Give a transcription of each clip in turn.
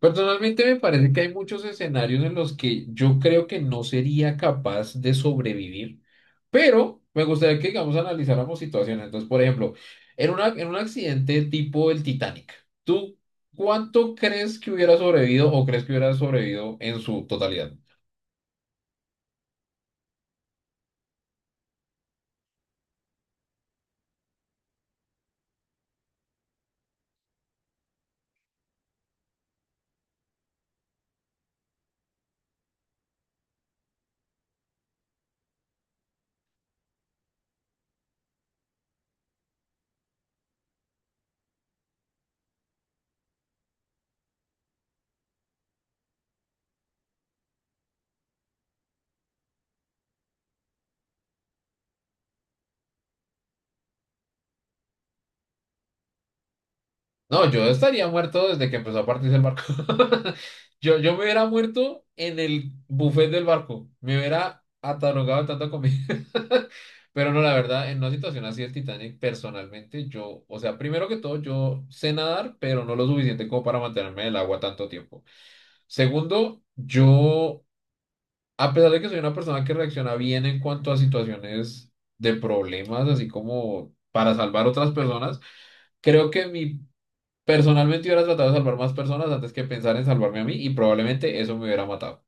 Personalmente me parece que hay muchos escenarios en los que yo creo que no sería capaz de sobrevivir, pero me gustaría que, digamos, analizáramos situaciones. Entonces, por ejemplo, en un accidente tipo el Titanic, ¿tú cuánto crees que hubiera sobrevivido o crees que hubiera sobrevivido en su totalidad? No, yo estaría muerto desde que empezó a partirse el barco. Yo me hubiera muerto en el buffet del barco. Me hubiera atarugado de tanta comida. Pero no, la verdad, en una situación así del Titanic, personalmente, yo, o sea, primero que todo, yo sé nadar, pero no lo suficiente como para mantenerme en el agua tanto tiempo. Segundo, yo, a pesar de que soy una persona que reacciona bien en cuanto a situaciones de problemas, así como para salvar otras personas, Creo que mi Personalmente hubiera tratado de salvar más personas antes que pensar en salvarme a mí y probablemente eso me hubiera matado.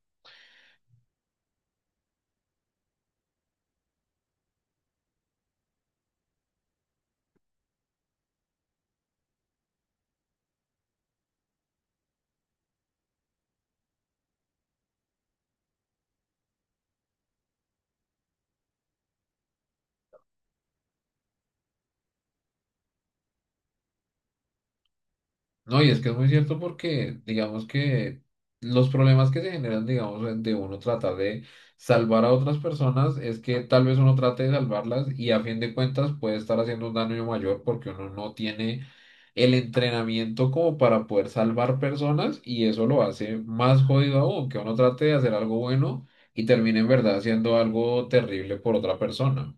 No, y es que es muy cierto porque digamos que los problemas que se generan, digamos, de uno tratar de salvar a otras personas es que tal vez uno trate de salvarlas y a fin de cuentas puede estar haciendo un daño mayor porque uno no tiene el entrenamiento como para poder salvar personas y eso lo hace más jodido aún, que uno trate de hacer algo bueno y termine en verdad haciendo algo terrible por otra persona.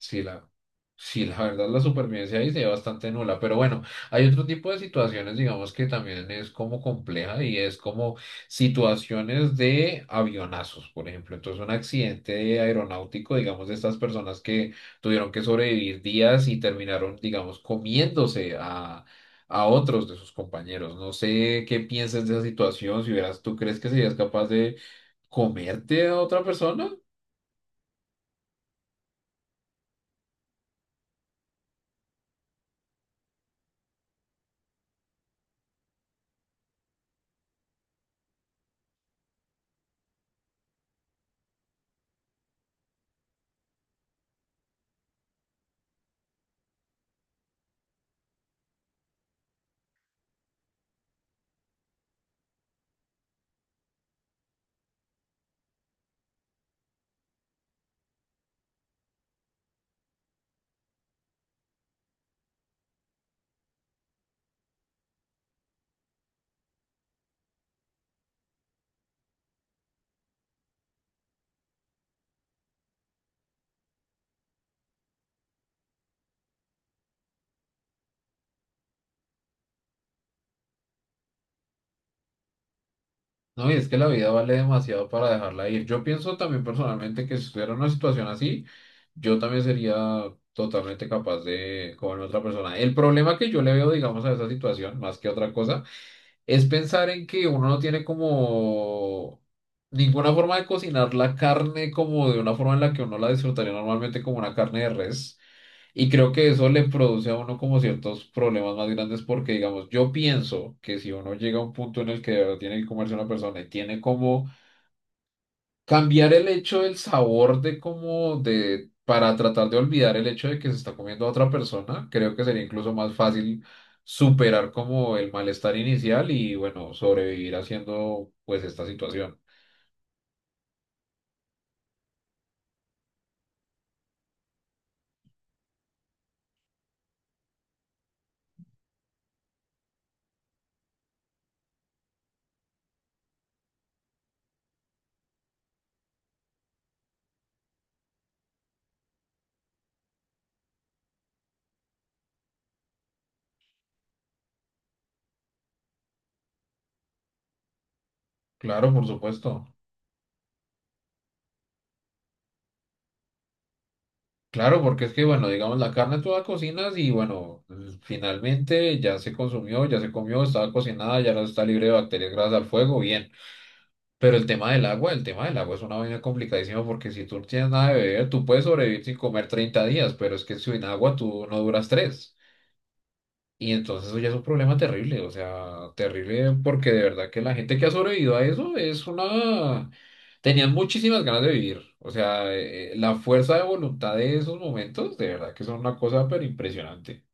Sí, la, sí, la verdad la supervivencia ahí se ve bastante nula, pero bueno, hay otro tipo de situaciones, digamos, que también es como compleja y es como situaciones de avionazos, por ejemplo. Entonces, un accidente aeronáutico, digamos, de estas personas que tuvieron que sobrevivir días y terminaron, digamos, a otros de sus compañeros. No sé qué piensas de esa situación, si hubieras, ¿tú crees que serías capaz de comerte a otra persona? No, y es que la vida vale demasiado para dejarla ir. Yo pienso también personalmente que si estuviera en una situación así, yo también sería totalmente capaz de comerme a otra persona. El problema que yo le veo, digamos, a esa situación, más que otra cosa, es pensar en que uno no tiene como ninguna forma de cocinar la carne como de una forma en la que uno la disfrutaría normalmente como una carne de res. Y creo que eso le produce a uno como ciertos problemas más grandes porque, digamos, yo pienso que si uno llega a un punto en el que de verdad tiene que comerse una persona y tiene como cambiar el hecho del sabor de como de para tratar de olvidar el hecho de que se está comiendo a otra persona, creo que sería incluso más fácil superar como el malestar inicial y bueno, sobrevivir haciendo pues esta situación. Claro, por supuesto. Claro, porque es que, bueno, digamos, la carne tú la cocinas y, bueno, finalmente ya se consumió, ya se comió, estaba cocinada, ya no está libre de bacterias gracias al fuego, bien. Pero el tema del agua, el tema del agua es una vaina complicadísima porque si tú no tienes nada de beber, tú puedes sobrevivir sin comer 30 días, pero es que sin agua tú no duras tres. Y entonces eso ya es un problema terrible, o sea, terrible porque de verdad que la gente que ha sobrevivido a eso es una... Tenían muchísimas ganas de vivir, o sea, la fuerza de voluntad de esos momentos, de verdad que son una cosa pero impresionante.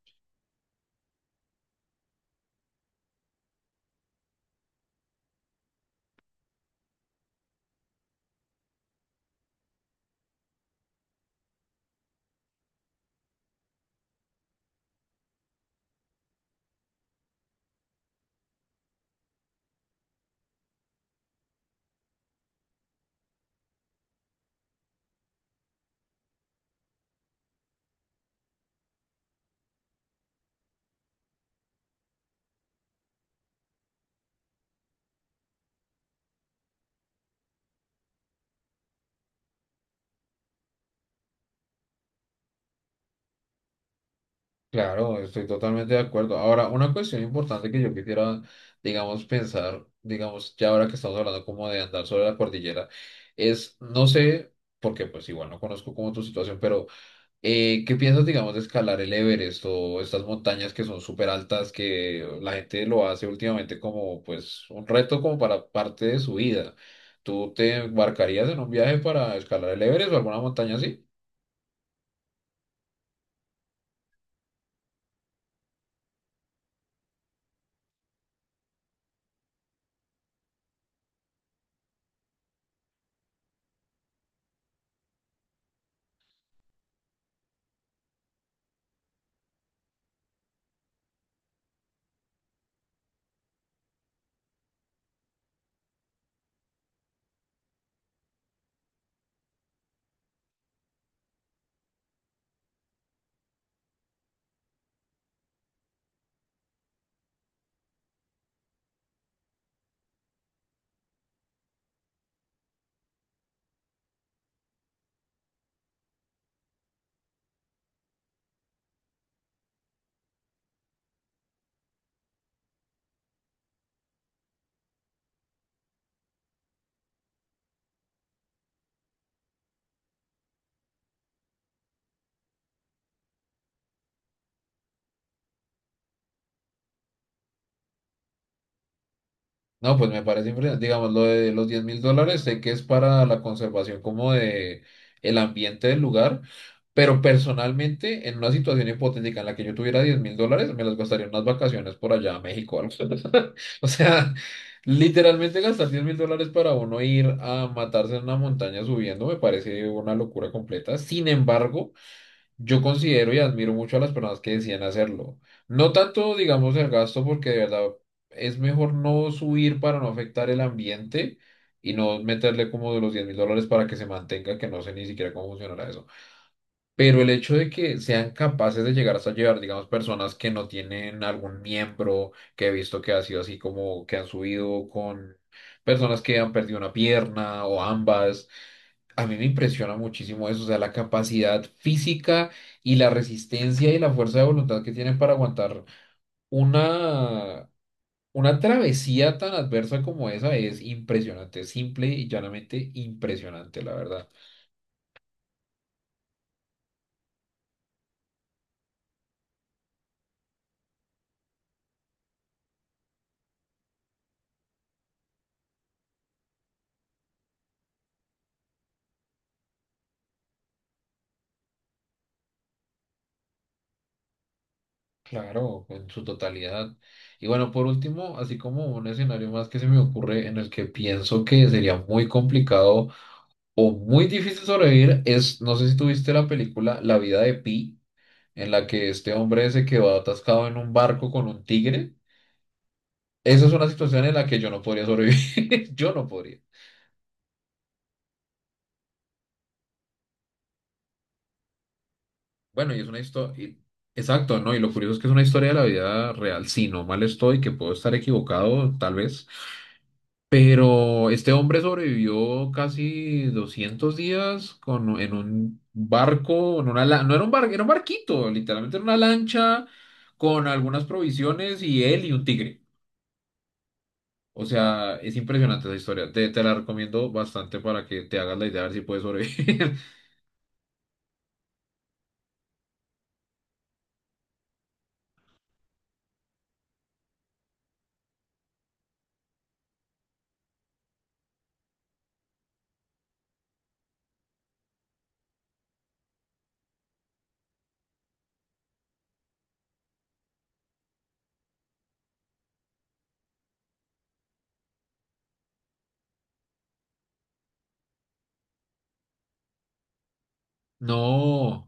Claro, estoy totalmente de acuerdo. Ahora, una cuestión importante que yo quisiera, digamos, pensar, digamos, ya ahora que estamos hablando como de andar sobre la cordillera, es, no sé, porque pues igual no conozco como tu situación, pero... ¿qué piensas, digamos, de escalar el Everest o estas montañas que son súper altas que la gente lo hace últimamente como, pues, un reto como para parte de su vida? ¿Tú te embarcarías en un viaje para escalar el Everest o alguna montaña así? No, pues me parece impresionante. Digamos, lo de los $10,000, sé que es para la conservación como de el ambiente del lugar, pero personalmente, en una situación hipotética en la que yo tuviera $10,000, me las gastaría en unas vacaciones por allá a México o algo. O sea, literalmente gastar $10,000 para uno ir a matarse en una montaña subiendo me parece una locura completa. Sin embargo, yo considero y admiro mucho a las personas que decían hacerlo. No tanto, digamos, el gasto, porque de verdad es mejor no subir para no afectar el ambiente y no meterle como de los $10,000 para que se mantenga, que no sé ni siquiera cómo funcionará eso. Pero el hecho de que sean capaces de llegar hasta llevar, digamos, personas que no tienen algún miembro, que he visto que ha sido así como que han subido con personas que han perdido una pierna o ambas, a mí me impresiona muchísimo eso, o sea, la capacidad física y la resistencia y la fuerza de voluntad que tienen para aguantar una, una travesía tan adversa como esa es impresionante, simple y llanamente impresionante, la verdad. Claro, en su totalidad. Y bueno, por último, así como un escenario más que se me ocurre en el que pienso que sería muy complicado o muy difícil sobrevivir es, no sé si tuviste la película La vida de Pi, en la que este hombre se quedó atascado en un barco con un tigre. Esa es una situación en la que yo no podría sobrevivir. Yo no podría. Bueno, y es una historia... Exacto, ¿no? Y lo curioso es que es una historia de la vida real. Si no mal estoy, que puedo estar equivocado, tal vez. Pero este hombre sobrevivió casi 200 días con, en un barco, en una, no era un barco, era un barquito, literalmente era una lancha con algunas provisiones y él y un tigre. O sea, es impresionante esa historia. Te la recomiendo bastante para que te hagas la idea de ver si puedes sobrevivir. No.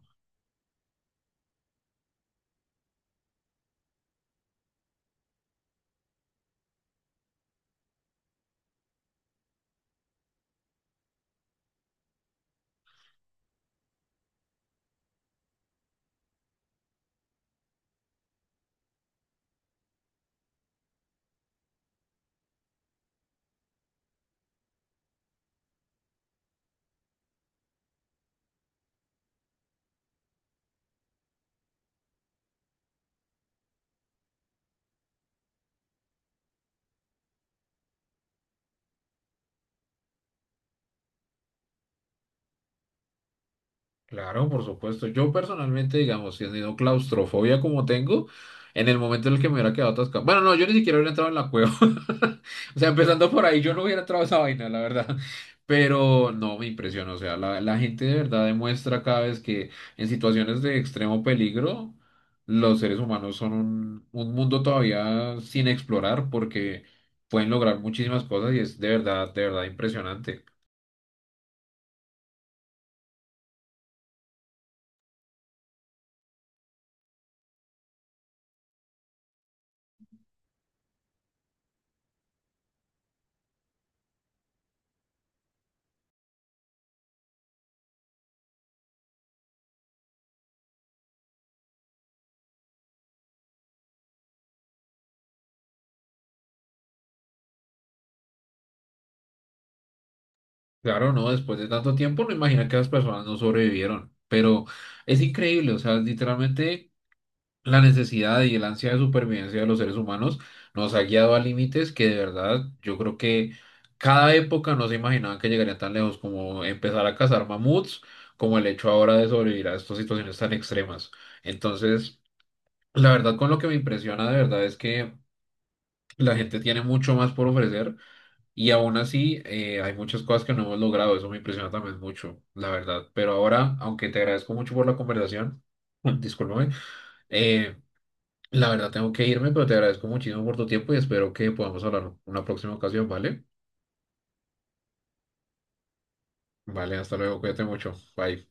Claro, por supuesto. Yo personalmente, digamos, teniendo claustrofobia como tengo, en el momento en el que me hubiera quedado atascado. Bueno, no, yo ni siquiera hubiera entrado en la cueva. O sea, empezando por ahí, yo no hubiera entrado a esa vaina, la verdad. Pero no, me impresiona. O sea, la gente de verdad demuestra cada vez que en situaciones de extremo peligro, los seres humanos son un mundo todavía sin explorar porque pueden lograr muchísimas cosas y es de verdad impresionante. Claro, no, después de tanto tiempo no imagina que las personas no sobrevivieron, pero es increíble, o sea, literalmente la necesidad y el ansia de supervivencia de los seres humanos nos ha guiado a límites que de verdad yo creo que cada época no se imaginaban que llegarían tan lejos como empezar a cazar mamuts, como el hecho ahora de sobrevivir a estas situaciones tan extremas. Entonces, la verdad con lo que me impresiona de verdad es que la gente tiene mucho más por ofrecer y aún así, hay muchas cosas que no hemos logrado. Eso me impresiona también mucho, la verdad. Pero ahora, aunque te agradezco mucho por la conversación, discúlpame, eh, la verdad tengo que irme, pero te agradezco muchísimo por tu tiempo y espero que podamos hablar en una próxima ocasión, ¿vale? Vale, hasta luego, cuídate mucho. Bye.